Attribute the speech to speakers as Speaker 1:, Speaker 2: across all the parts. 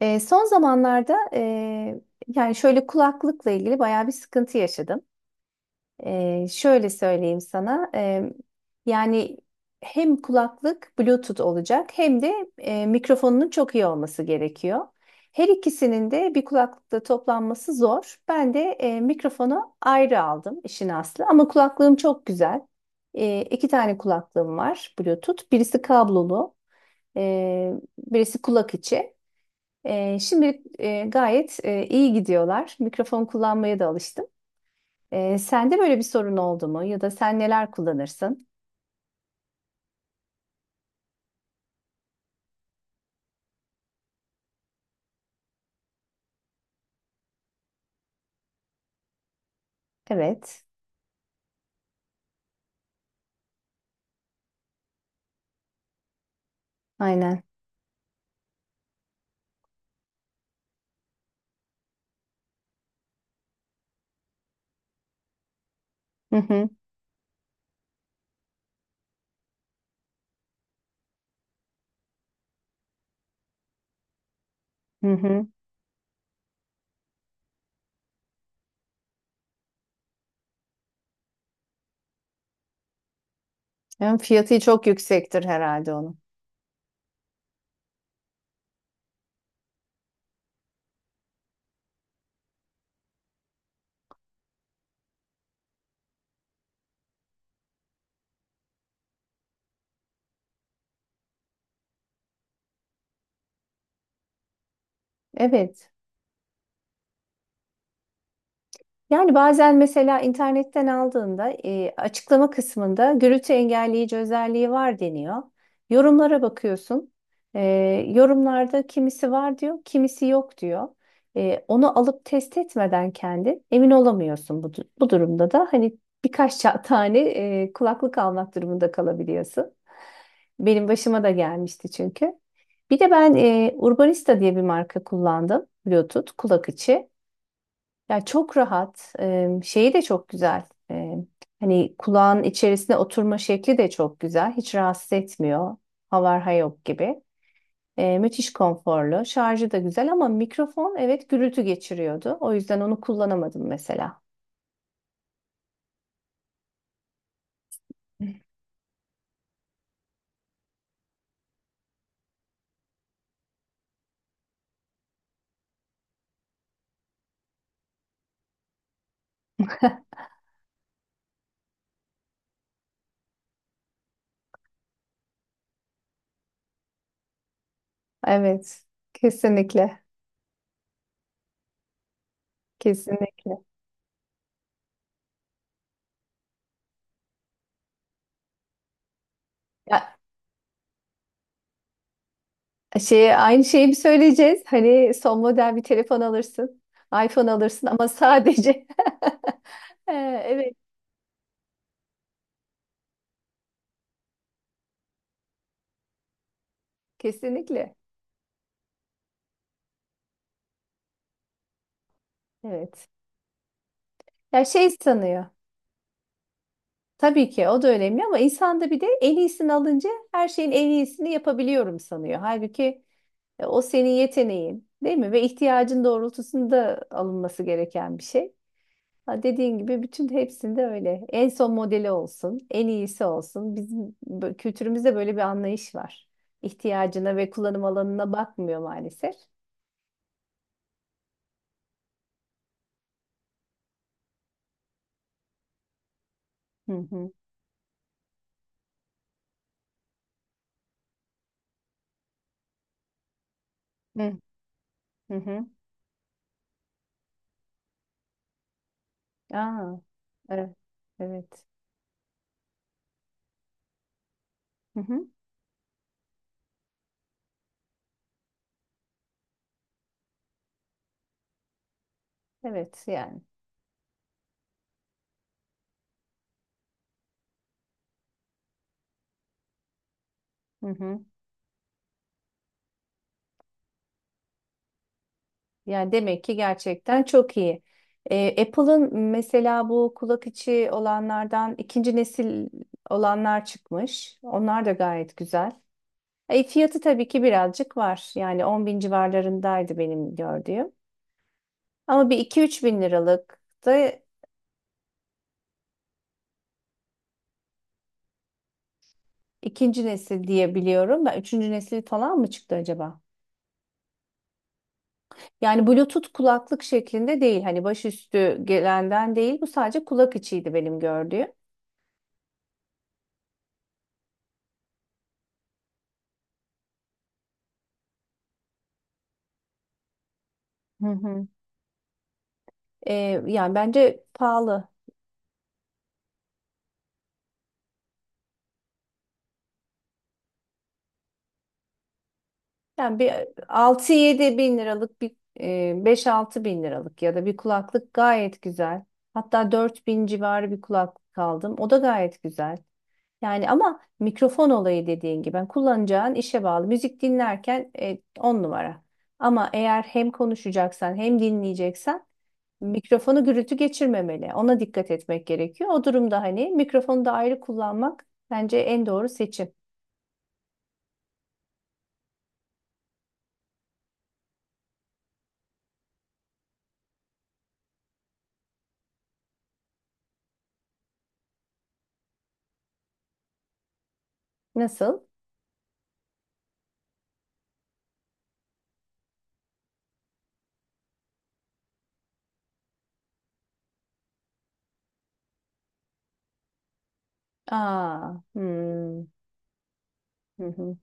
Speaker 1: Son zamanlarda yani şöyle kulaklıkla ilgili bayağı bir sıkıntı yaşadım. Şöyle söyleyeyim sana. Yani hem kulaklık Bluetooth olacak hem de mikrofonunun çok iyi olması gerekiyor. Her ikisinin de bir kulaklıkta toplanması zor. Ben de mikrofonu ayrı aldım işin aslı ama kulaklığım çok güzel. İki tane kulaklığım var Bluetooth. Birisi kablolu, birisi kulak içi. Şimdilik gayet iyi gidiyorlar. Mikrofon kullanmaya da alıştım. Sende böyle bir sorun oldu mu? Ya da sen neler kullanırsın? Evet, aynen. Hı hı, hı hı. Yani fiyatı çok yüksektir herhalde onun. Evet. Yani bazen mesela internetten aldığında açıklama kısmında gürültü engelleyici özelliği var deniyor. Yorumlara bakıyorsun. E, Yorumlarda kimisi var diyor, kimisi yok diyor. Onu alıp test etmeden kendin emin olamıyorsun bu, bu durumda da. Hani birkaç tane kulaklık almak durumunda kalabiliyorsun. Benim başıma da gelmişti çünkü. Bir de ben Urbanista diye bir marka kullandım. Bluetooth kulak içi. Ya çok rahat. Şeyi de çok güzel. Hani kulağın içerisine oturma şekli de çok güzel. Hiç rahatsız etmiyor. Havarha yok gibi. Müthiş konforlu. Şarjı da güzel ama mikrofon evet gürültü geçiriyordu. O yüzden onu kullanamadım mesela. Evet. Kesinlikle. Kesinlikle. Ya şey aynı şeyi bir söyleyeceğiz. Hani son model bir telefon alırsın. iPhone alırsın ama sadece Ee, evet kesinlikle. Evet. Ya şey sanıyor. Tabii ki o da önemli ama insan da bir de en iyisini alınca her şeyin en iyisini yapabiliyorum sanıyor. Halbuki o senin yeteneğin, değil mi? Ve ihtiyacın doğrultusunda alınması gereken bir şey. Ha dediğin gibi bütün hepsinde öyle. En son modeli olsun, en iyisi olsun. Bizim kültürümüzde böyle bir anlayış var. İhtiyacına ve kullanım alanına bakmıyor maalesef. Hı hı. Hı hı. Hı. Aa, evet. Evet. Hı hı. Evet yani. Hı hı. Yani demek ki gerçekten çok iyi. Apple'ın mesela bu kulak içi olanlardan ikinci nesil olanlar çıkmış. Onlar da gayet güzel. Fiyatı tabii ki birazcık var. Yani 10 bin civarlarındaydı benim gördüğüm. Ama bir iki üç bin liralık da ikinci nesil diye biliyorum. Ben üçüncü nesil falan mı çıktı acaba? Yani Bluetooth kulaklık şeklinde değil. Hani başüstü gelenden değil. Bu sadece kulak içiydi benim gördüğüm. Hı hı. Ee, Yani bence pahalı. Yani bir altı yedi bin liralık bir 5-6 bin liralık ya da bir kulaklık gayet güzel. Hatta 4 bin civarı bir kulaklık aldım. O da gayet güzel. Yani ama mikrofon olayı dediğin gibi ben kullanacağın işe bağlı. Müzik dinlerken 10 numara. Ama eğer hem konuşacaksan hem dinleyeceksen mikrofonu gürültü geçirmemeli. Ona dikkat etmek gerekiyor. O durumda hani mikrofonu da ayrı kullanmak bence en doğru seçim. Nasıl? Aa, hmm, hı hı.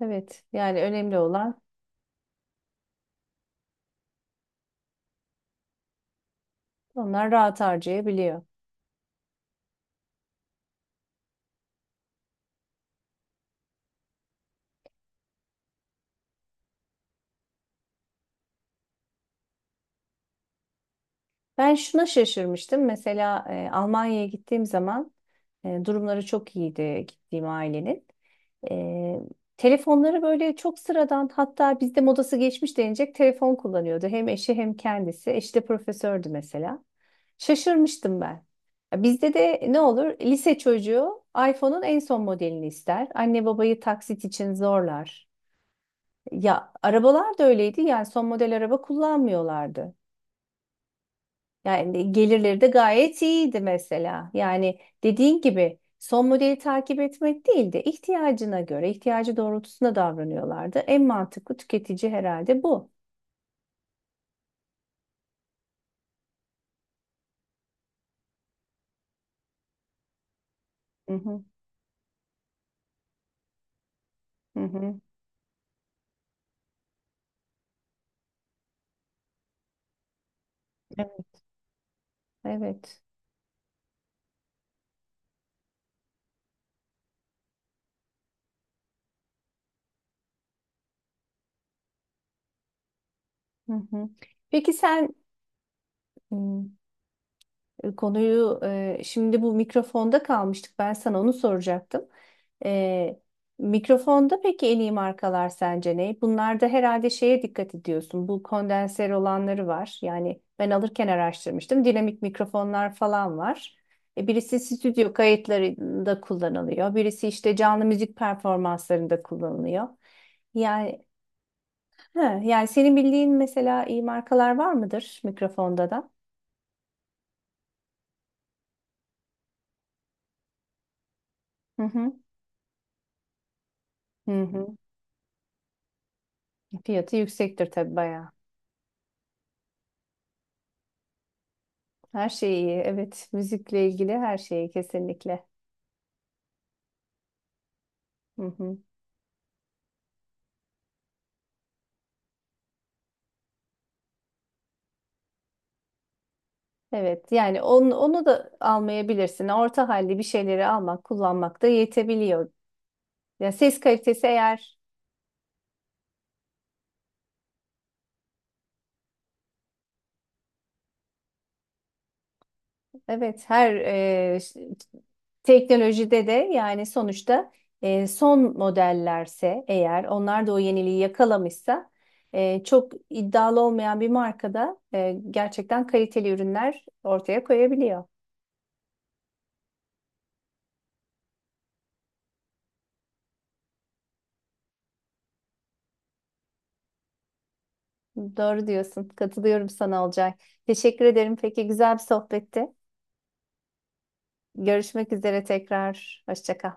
Speaker 1: Evet, yani önemli olan onlar rahat harcayabiliyor. Ben şuna şaşırmıştım. Mesela Almanya'ya gittiğim zaman durumları çok iyiydi gittiğim ailenin. Ee, Telefonları böyle çok sıradan hatta bizde modası geçmiş denilecek telefon kullanıyordu. Hem eşi hem kendisi. Eşi de profesördü mesela. Şaşırmıştım ben. Ya bizde de ne olur lise çocuğu iPhone'un en son modelini ister. Anne babayı taksit için zorlar. Ya arabalar da öyleydi yani son model araba kullanmıyorlardı. Yani gelirleri de gayet iyiydi mesela. Yani dediğin gibi son modeli takip etmek değil de ihtiyacına göre, ihtiyacı doğrultusunda davranıyorlardı. En mantıklı tüketici herhalde bu. Hı hı, hı hı. Evet. Evet. Hı hı. Peki sen hmm, konuyu şimdi bu mikrofonda kalmıştık. Ben sana onu soracaktım. E, Mikrofonda peki en iyi markalar sence ne? Bunlarda herhalde şeye dikkat ediyorsun. Bu kondenser olanları var. Yani ben alırken araştırmıştım. Dinamik mikrofonlar falan var. Birisi stüdyo kayıtlarında kullanılıyor. Birisi işte canlı müzik performanslarında kullanılıyor. Yani he, yani senin bildiğin mesela iyi markalar var mıdır mikrofonda da? Hı hı. Hı hı. Fiyatı yüksektir tabii bayağı. Her şey iyi. Evet, müzikle ilgili her şeyi kesinlikle. Hı hı. Evet, yani onu, onu da almayabilirsin. Orta halli bir şeyleri almak, kullanmak da yetebiliyor. Ya ses kalitesi eğer evet her e, ş- teknolojide de yani sonuçta son modellerse eğer onlar da o yeniliği yakalamışsa çok iddialı olmayan bir markada gerçekten kaliteli ürünler ortaya koyabiliyor. Doğru diyorsun. Katılıyorum sana Olcay. Teşekkür ederim. Peki güzel bir sohbetti. Görüşmek üzere tekrar. Hoşça kal.